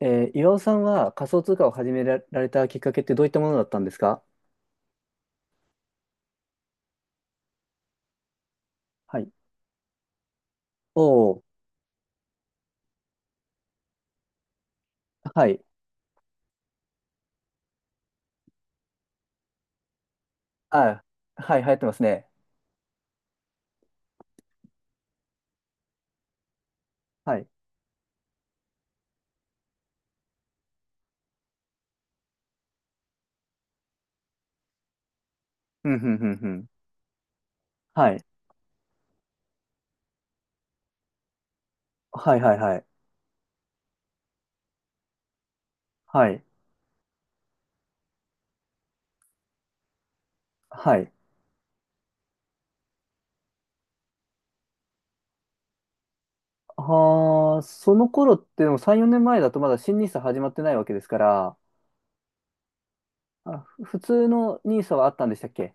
岩尾さんは仮想通貨を始めらられたきっかけってどういったものだったんですか？はい。おお、はい。あ、はい、流行ってますね。はい。うん、うん、うん、うん。はい。はい、はい、はい。はい。はい。はあ、その頃ってでも3、4年前だとまだ新ニーサ始まってないわけですから。あ、ふ普通のニーサはあったんでしたっけ？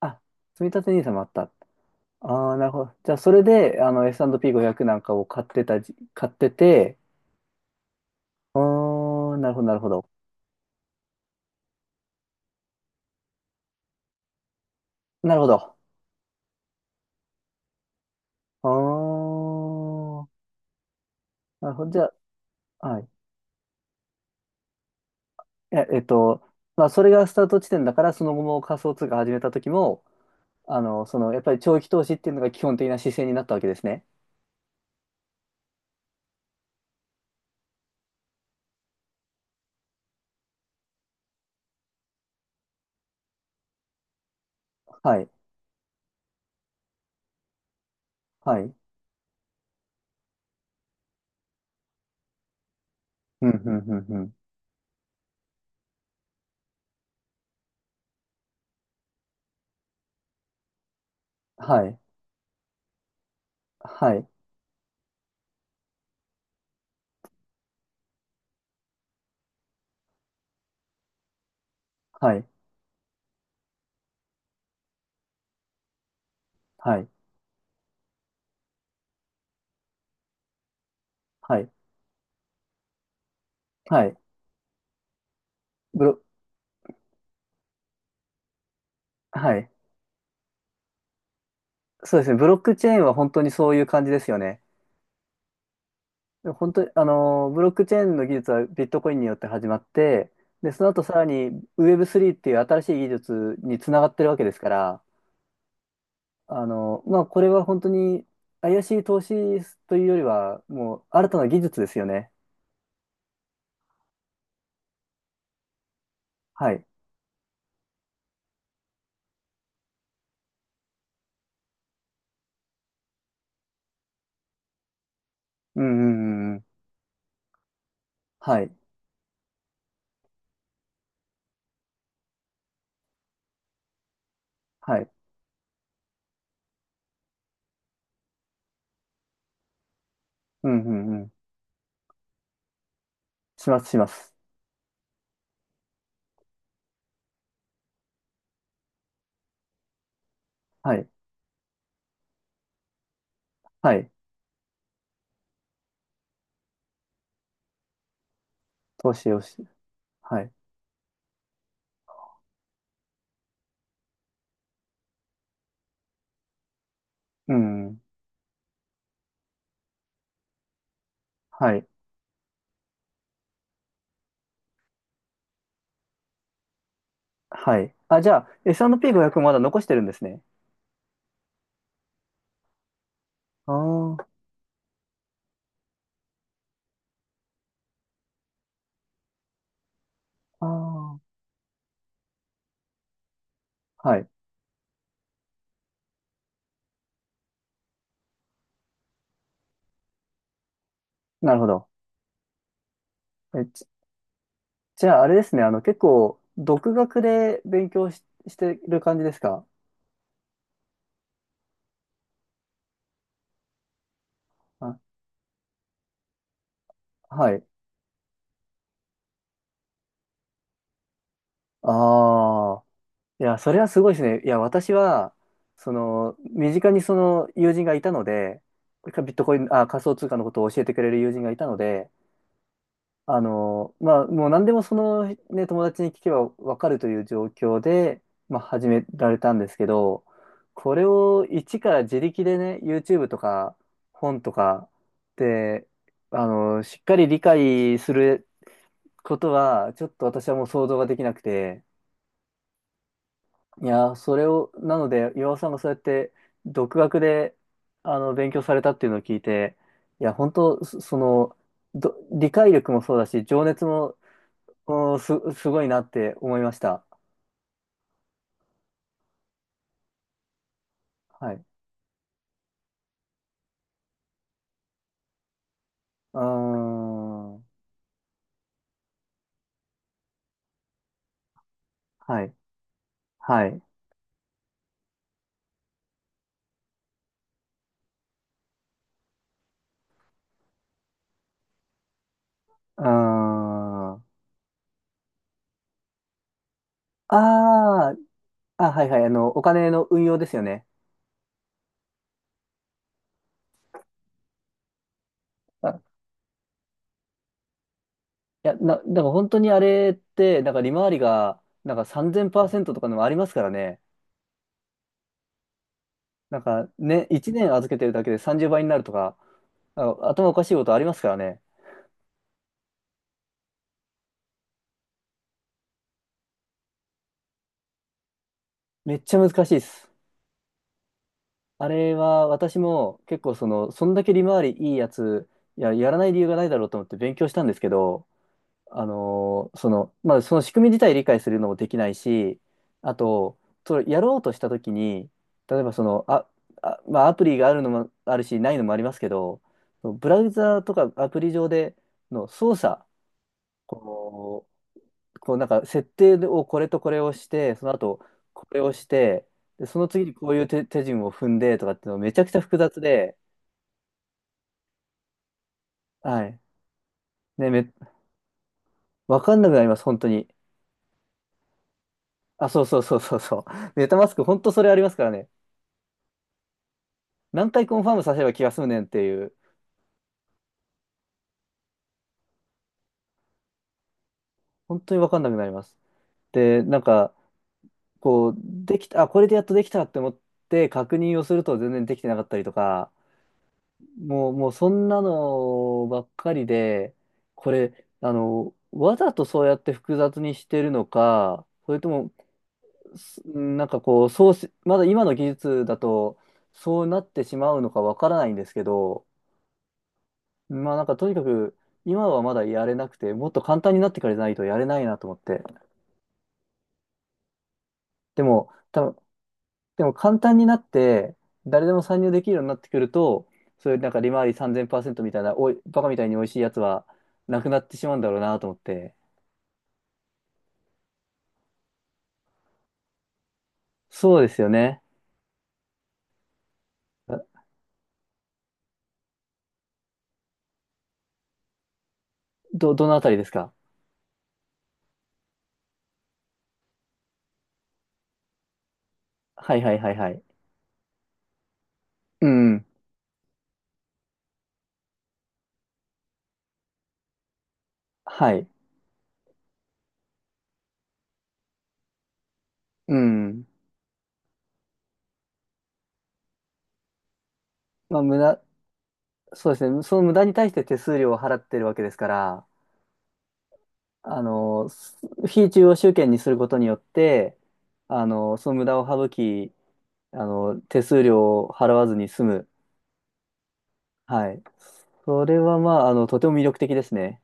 あ、積み立てニーサもあった。ああ、なるほど。じゃあ、それで、あの、S&P500 なんかを買ってたじ、買ってて。あーなるほど、なるほど。なるほど。ああ、なるほど。じゃあ、はい。え、えっと、まあ、それがスタート地点だから、その後も仮想通貨始めた時も、あの、その、やっぱり長期投資っていうのが基本的な姿勢になったわけですね。はい。はい。うん、うん、うん、うん。はい。はい。はい。はい。はい。はい。ブロ、はい。そうですね。ブロックチェーンは本当にそういう感じですよね。で本当に、あの、ブロックチェーンの技術はビットコインによって始まって、で、その後さらにウェブ3っていう新しい技術につながってるわけですから、あの、まあ、これは本当に怪しい投資というよりは、もう新たな技術ですよね。はい。うんうんうんうん。はい。はい。うんうんうん。します、します。はい。はい。投資をし、はい。うん。はい。はい。あ、じゃあ、S&P500 まだ残してるんですね。ああ、ああ。はい。なるほど。え、じじゃあ、あれですね。あの、結構、独学で勉強し、してる感じですか？あ、はい。ああ。いや、それはすごいですね。いや、私は、その、身近にその友人がいたので、ビットコイン、あ、仮想通貨のことを教えてくれる友人がいたので、あの、まあ、もう何でもそのね、友達に聞けばわかるという状況で、まあ、始められたんですけど、これを一から自力でね、YouTube とか本とかで、あの、しっかり理解することは、ちょっと私はもう想像ができなくて。いや、それを、なので、岩尾さんがそうやって独学で、あの、勉強されたっていうのを聞いて、いや、本当、そその、ど理解力もそうだし、情熱もおー、す、すごいなって思いました。はい。うーん。はい。はい。うーん。ああ、あ、はいはい。あの、お金の運用ですよね。あ、いや、な、だから本当にあれって、なんか利回りが、なんか3000%とかのもありますからね。なんかね、1年預けてるだけで30倍になるとか、なんか頭おかしいことありますからね。めっちゃ難しいです。あれは私も結構その、そんだけ利回りいいやつ、いや、やらない理由がないだろうと思って勉強したんですけど、あのーその、まあ、その仕組み自体理解するのもできないし、あと、それやろうとしたときに、例えばその、あ、あ、まあ、アプリがあるのもあるし、ないのもありますけど、そのブラウザーとかアプリ上での操作、こう、こうなんか設定をこれとこれをして、その後これをして、で、その次にこういう手、手順を踏んでとかっていうのめちゃくちゃ複雑で。はい。ね、め、わかんなくなります、本当に。あ、そうそうそうそうそう。メタマスク、本当それありますからね。何回コンファームさせれば気が済むねんっていう。本当に分かんなくなります。で、なんか、こう、できた、あ、これでやっとできたって思って確認をすると全然できてなかったりとか、もう、もうそんなのばっかりで、これ、あの、わざとそうやって複雑にしてるのか、それとも、すなんかこう、そうし、まだ今の技術だと、そうなってしまうのかわからないんですけど、まあなんかとにかく、今はまだやれなくて、もっと簡単になってからじゃないとやれないなと思って。でも、多分、でも簡単になって、誰でも参入できるようになってくると、そういうなんか利回り3000%みたいな、おい、バカみたいに美味しいやつはなくなってしまうんだろうなと思って。そうですよね。あど、どのあたりですか？はいはいはいはい。うん。はい。うん。まあ、無駄、そうですね。その無駄に対して手数料を払ってるわけですから、あの、す非中央集権にすることによって、あの、その無駄を省き、あの、手数料を払わずに済む。はい。それはまあ、あの、とても魅力的ですね。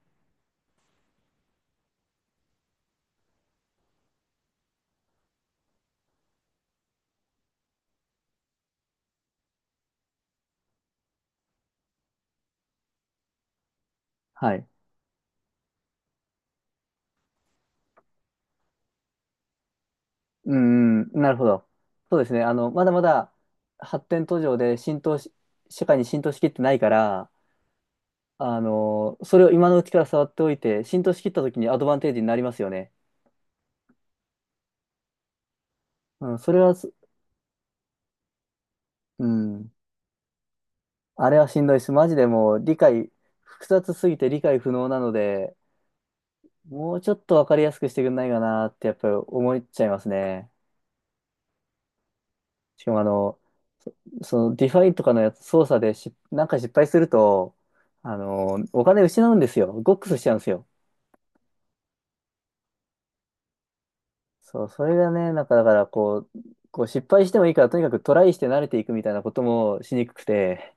はい。うん、うん、なるほど。そうですね。あの、まだまだ発展途上で浸透し、社会に浸透しきってないから、あの、それを今のうちから触っておいて、浸透しきった時にアドバンテージになりますよね。うん、それはす、うん、あれはしんどいし、マジでもう理解、複雑すぎて理解不能なので、もうちょっとわかりやすくしてくんないかなってやっぱり思っちゃいますね。しかもあの、そ、そのディファイとかのやつ操作でし、なんか失敗すると、あの、お金失うんですよ。ゴックスしちゃうんですよ。そう、それがね、なんかだからこう、こう失敗してもいいからとにかくトライして慣れていくみたいなこともしにくくて、